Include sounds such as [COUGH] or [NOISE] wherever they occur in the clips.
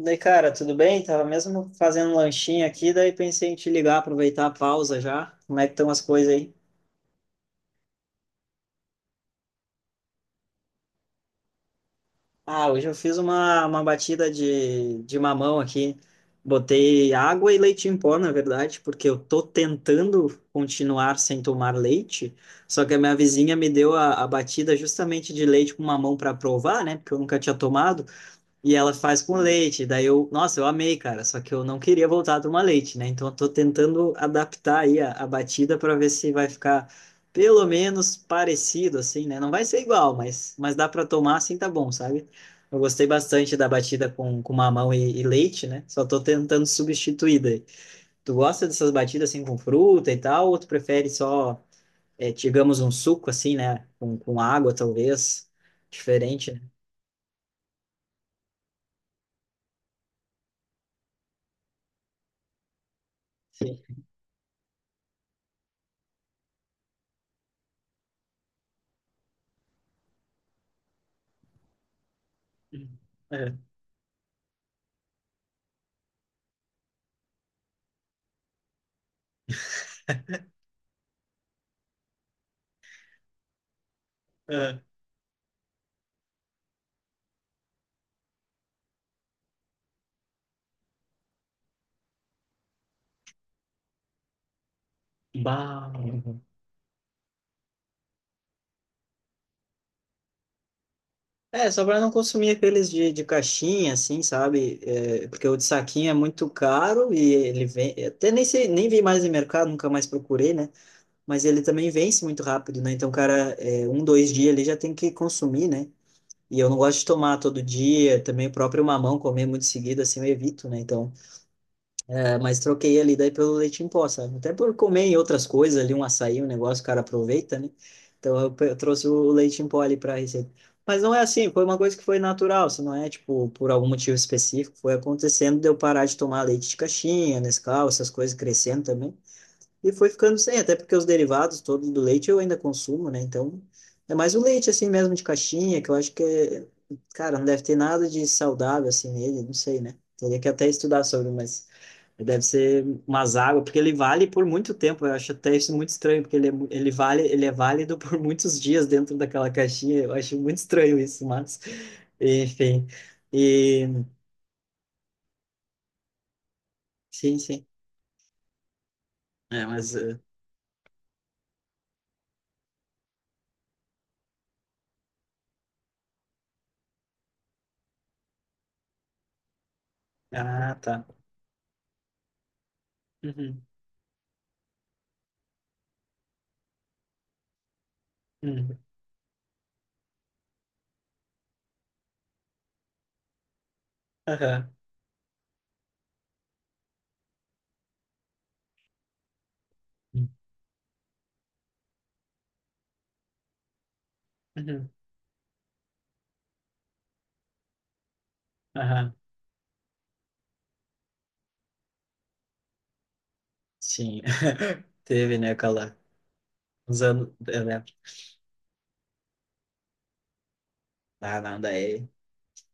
Daí, cara, tudo bem? Tava mesmo fazendo um lanchinho aqui, daí pensei em te ligar, aproveitar a pausa já. Como é que estão as coisas aí? Ah, hoje eu fiz uma batida de mamão aqui. Botei água e leite em pó, na verdade, porque eu tô tentando continuar sem tomar leite, só que a minha vizinha me deu a batida justamente de leite com mamão para provar, né? Porque eu nunca tinha tomado. E ela faz com leite. Daí eu, nossa, eu amei, cara. Só que eu não queria voltar a tomar leite, né? Então eu tô tentando adaptar aí a batida para ver se vai ficar pelo menos parecido, assim, né? Não vai ser igual, mas dá para tomar assim, tá bom, sabe? Eu gostei bastante da batida com mamão e leite, né? Só tô tentando substituir daí. Tu gosta dessas batidas assim com fruta e tal, ou tu prefere só, é, digamos, um suco assim, né? Com água, talvez. Diferente, né? Sim. É, é. Bah. É, só pra não consumir aqueles de caixinha, assim, sabe? É, porque o de saquinho é muito caro e ele vem. Até nem sei, nem vi mais em mercado, nunca mais procurei, né? Mas ele também vence muito rápido, né? Então, o cara, é, um, dois dias ele já tem que consumir, né? E eu não gosto de tomar todo dia, também o próprio mamão, comer muito seguido, assim, eu evito, né? Então. É, mas troquei ali daí pelo leite em pó, sabe? Até por comer em outras coisas ali, um açaí, um negócio, o cara aproveita, né? Então eu, eu trouxe o leite em pó ali para receita. Mas não é assim, foi uma coisa que foi natural, se não é, tipo, por algum motivo específico, foi acontecendo de eu parar de tomar leite de caixinha, Nescau, essas coisas crescendo também. E foi ficando sem, até porque os derivados todos do leite eu ainda consumo, né? Então, é mais o leite assim mesmo de caixinha, que eu acho que é, cara, não deve ter nada de saudável assim nele, não sei, né? Teria que até estudar sobre, mas deve ser umas águas, porque ele vale por muito tempo, eu acho até isso muito estranho, porque ele é, ele vale, ele é válido por muitos dias dentro daquela caixinha, eu acho muito estranho isso, mas enfim. E sim, sim. É, mas ah, tá. Uhum. Uhum. Aham. Uhum. Aham, sim. [LAUGHS] Teve, né, aquela... Uns anos... Eu lembro. Ah, não, daí...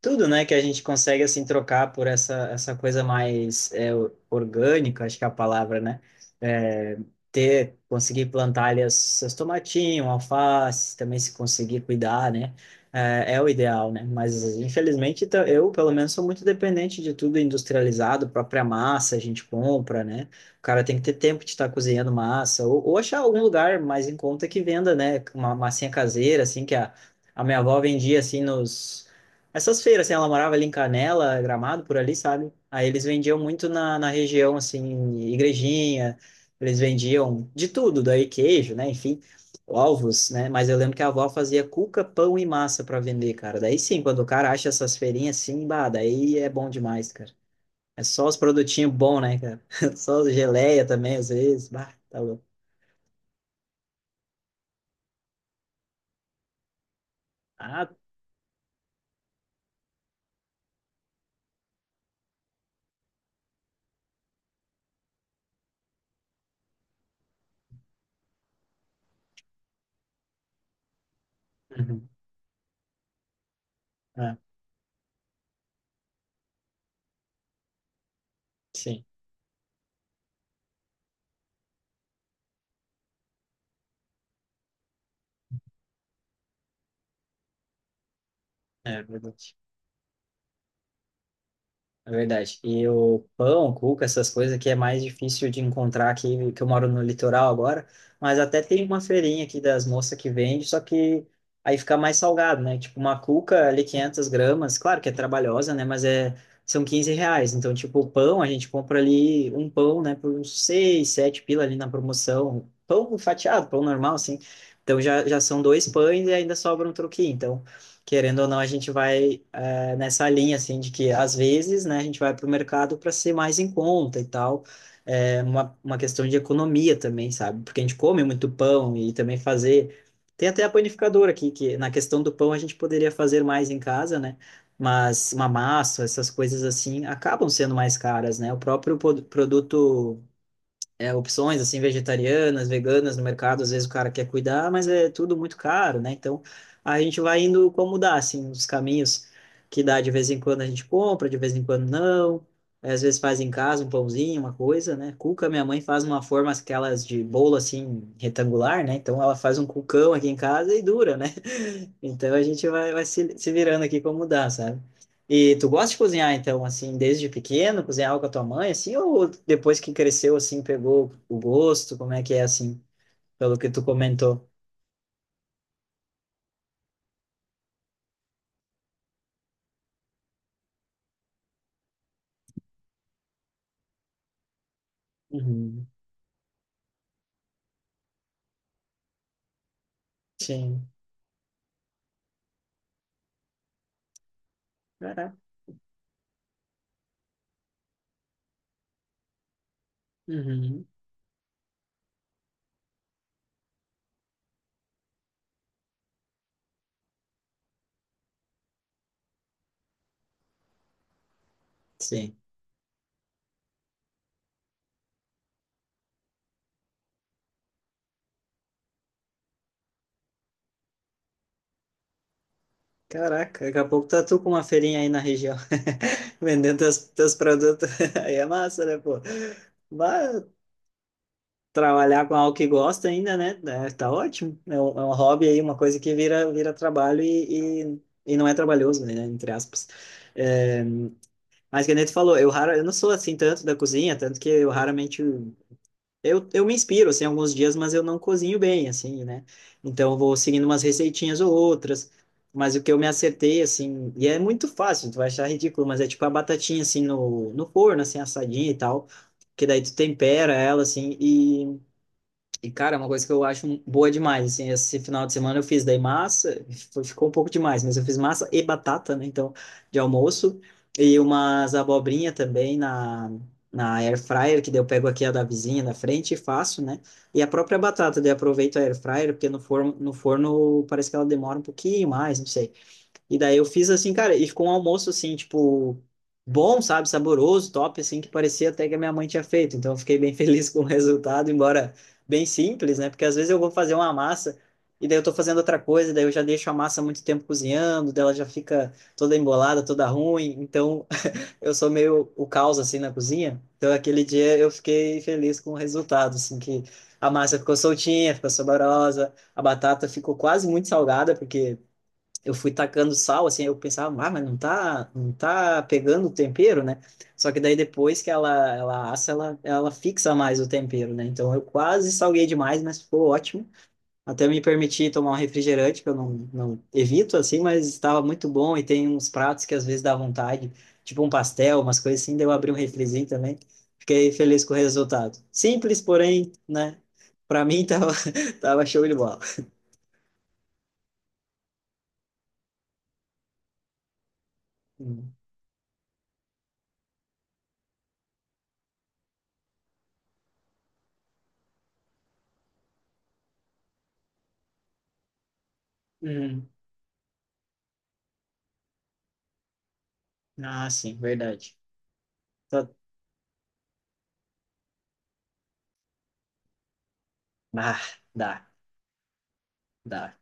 tudo, né, que a gente consegue assim trocar por essa coisa mais é, orgânica, acho que é a palavra, né? É, ter conseguir plantar ali os seus tomatinhos, alface, também se conseguir cuidar, né? É, é o ideal, né? Mas infelizmente eu, pelo menos, sou muito dependente de tudo industrializado, própria massa a gente compra, né? O cara tem que ter tempo de estar cozinhando massa ou achar algum lugar mais em conta que venda, né? Uma massinha caseira, assim que a minha avó vendia assim nos essas feiras, assim, ela morava ali em Canela, Gramado, por ali, sabe? Aí eles vendiam muito na região, assim, igrejinha, eles vendiam de tudo, daí queijo, né? Enfim, ovos, né? Mas eu lembro que a avó fazia cuca, pão e massa para vender, cara. Daí sim, quando o cara acha essas feirinhas assim, bah, daí é bom demais, cara. É só os produtinhos bons, né, cara? [LAUGHS] Só as geleia também, às vezes, bah, tá louco. Ah, uhum. Ah, sim, é verdade. É verdade. E o pão, cuca, essas coisas que é mais difícil de encontrar aqui, que eu moro no litoral agora, mas até tem uma feirinha aqui das moças que vende, só que aí fica mais salgado, né? Tipo, uma cuca ali 500 gramas, claro que é trabalhosa, né? Mas é, são R$ 15. Então, tipo, o pão, a gente compra ali um pão, né? Por uns 6 7 pila ali na promoção. Pão fatiado, pão normal, assim. Então já são dois pães e ainda sobra um troquinho. Então, querendo ou não, a gente vai é, nessa linha, assim, de que às vezes, né, a gente vai para o mercado para ser mais em conta e tal, é uma questão de economia também, sabe? Porque a gente come muito pão e também fazer. Tem até a panificadora aqui, que na questão do pão a gente poderia fazer mais em casa, né? Mas uma massa, essas coisas assim, acabam sendo mais caras, né? O próprio produto é, opções assim vegetarianas, veganas no mercado, às vezes o cara quer cuidar, mas é tudo muito caro, né? Então a gente vai indo como dá, assim, os caminhos que dá de vez em quando a gente compra, de vez em quando não. É, às vezes faz em casa um pãozinho, uma coisa, né? Cuca, minha mãe faz uma forma aquelas de bolo assim retangular, né? Então ela faz um cucão aqui em casa e dura, né? [LAUGHS] Então a gente vai se virando aqui como dá, sabe? E tu gosta de cozinhar, então, assim, desde pequeno, cozinhava com a tua mãe, assim, ou depois que cresceu, assim, pegou o gosto? Como é que é, assim, pelo que tu comentou? Uhum. Sim. Caraca. Uhum. Sim. Caraca, daqui a pouco tá tu com uma feirinha aí na região, [LAUGHS] vendendo teus produtos. [LAUGHS] Aí é massa, né, pô? Vai trabalhar com algo que gosta ainda, né? É, tá ótimo. É um hobby aí, uma coisa que vira trabalho e não é trabalhoso, né? Entre aspas. É, mas que nem tu falou, eu, rara, eu não sou assim tanto da cozinha, tanto que eu raramente. Eu me inspiro, assim, alguns dias, mas eu não cozinho bem, assim, né? Então eu vou seguindo umas receitinhas ou outras. Mas o que eu me acertei, assim, e é muito fácil, tu vai achar ridículo, mas é tipo a batatinha, assim, no forno, assim, assadinha e tal, que daí tu tempera ela, assim, e cara, é uma coisa que eu acho boa demais, assim, esse final de semana eu fiz daí massa, ficou um pouco demais, mas eu fiz massa e batata, né, então, de almoço, e umas abobrinha também na air fryer, que daí eu pego aqui a da vizinha da frente e faço, né, e a própria batata, daí eu aproveito a air fryer, porque no forno parece que ela demora um pouquinho mais, não sei, e daí eu fiz assim, cara, e ficou um almoço assim, tipo, bom, sabe, saboroso, top, assim, que parecia até que a minha mãe tinha feito. Então eu fiquei bem [LAUGHS] feliz com o resultado, embora bem simples, né? Porque às vezes eu vou fazer uma massa e daí eu tô fazendo outra coisa, daí eu já deixo a massa muito tempo cozinhando, daí ela já fica toda embolada, toda ruim. Então [LAUGHS] eu sou meio o caos assim na cozinha. Então aquele dia eu fiquei feliz com o resultado, assim, que a massa ficou soltinha, ficou saborosa, a batata ficou quase muito salgada, porque eu fui tacando sal, assim, eu pensava, ah, mas não tá pegando o tempero, né? Só que daí depois que ela assa, ela fixa mais o tempero, né? Então eu quase salguei demais, mas ficou ótimo. Até me permiti tomar um refrigerante, que eu não evito, assim, mas estava muito bom. E tem uns pratos que às vezes dá vontade, tipo um pastel, umas coisas assim, daí eu abri um refrizinho também. Fiquei feliz com o resultado. Simples, porém, né? Pra mim tava, [LAUGHS] tava show de bola. Hum. Hum. Ah, sim, verdade. Ah, dá, dá.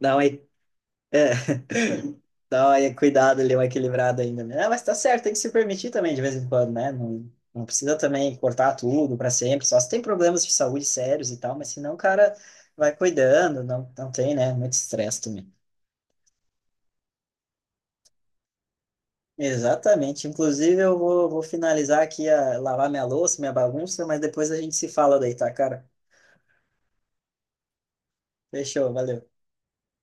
Dá uma, é, [LAUGHS] dá uma cuidado ali, uma equilibrada ainda, né? Ah, mas tá certo, tem que se permitir também de vez em quando, né? Não, não precisa também cortar tudo para sempre, só se tem problemas de saúde sérios e tal, mas senão o cara vai cuidando, não tem, né? Muito estresse também. Exatamente. Inclusive, eu vou finalizar aqui a lavar minha louça, minha bagunça, mas depois a gente se fala daí, tá, cara? Fechou, valeu.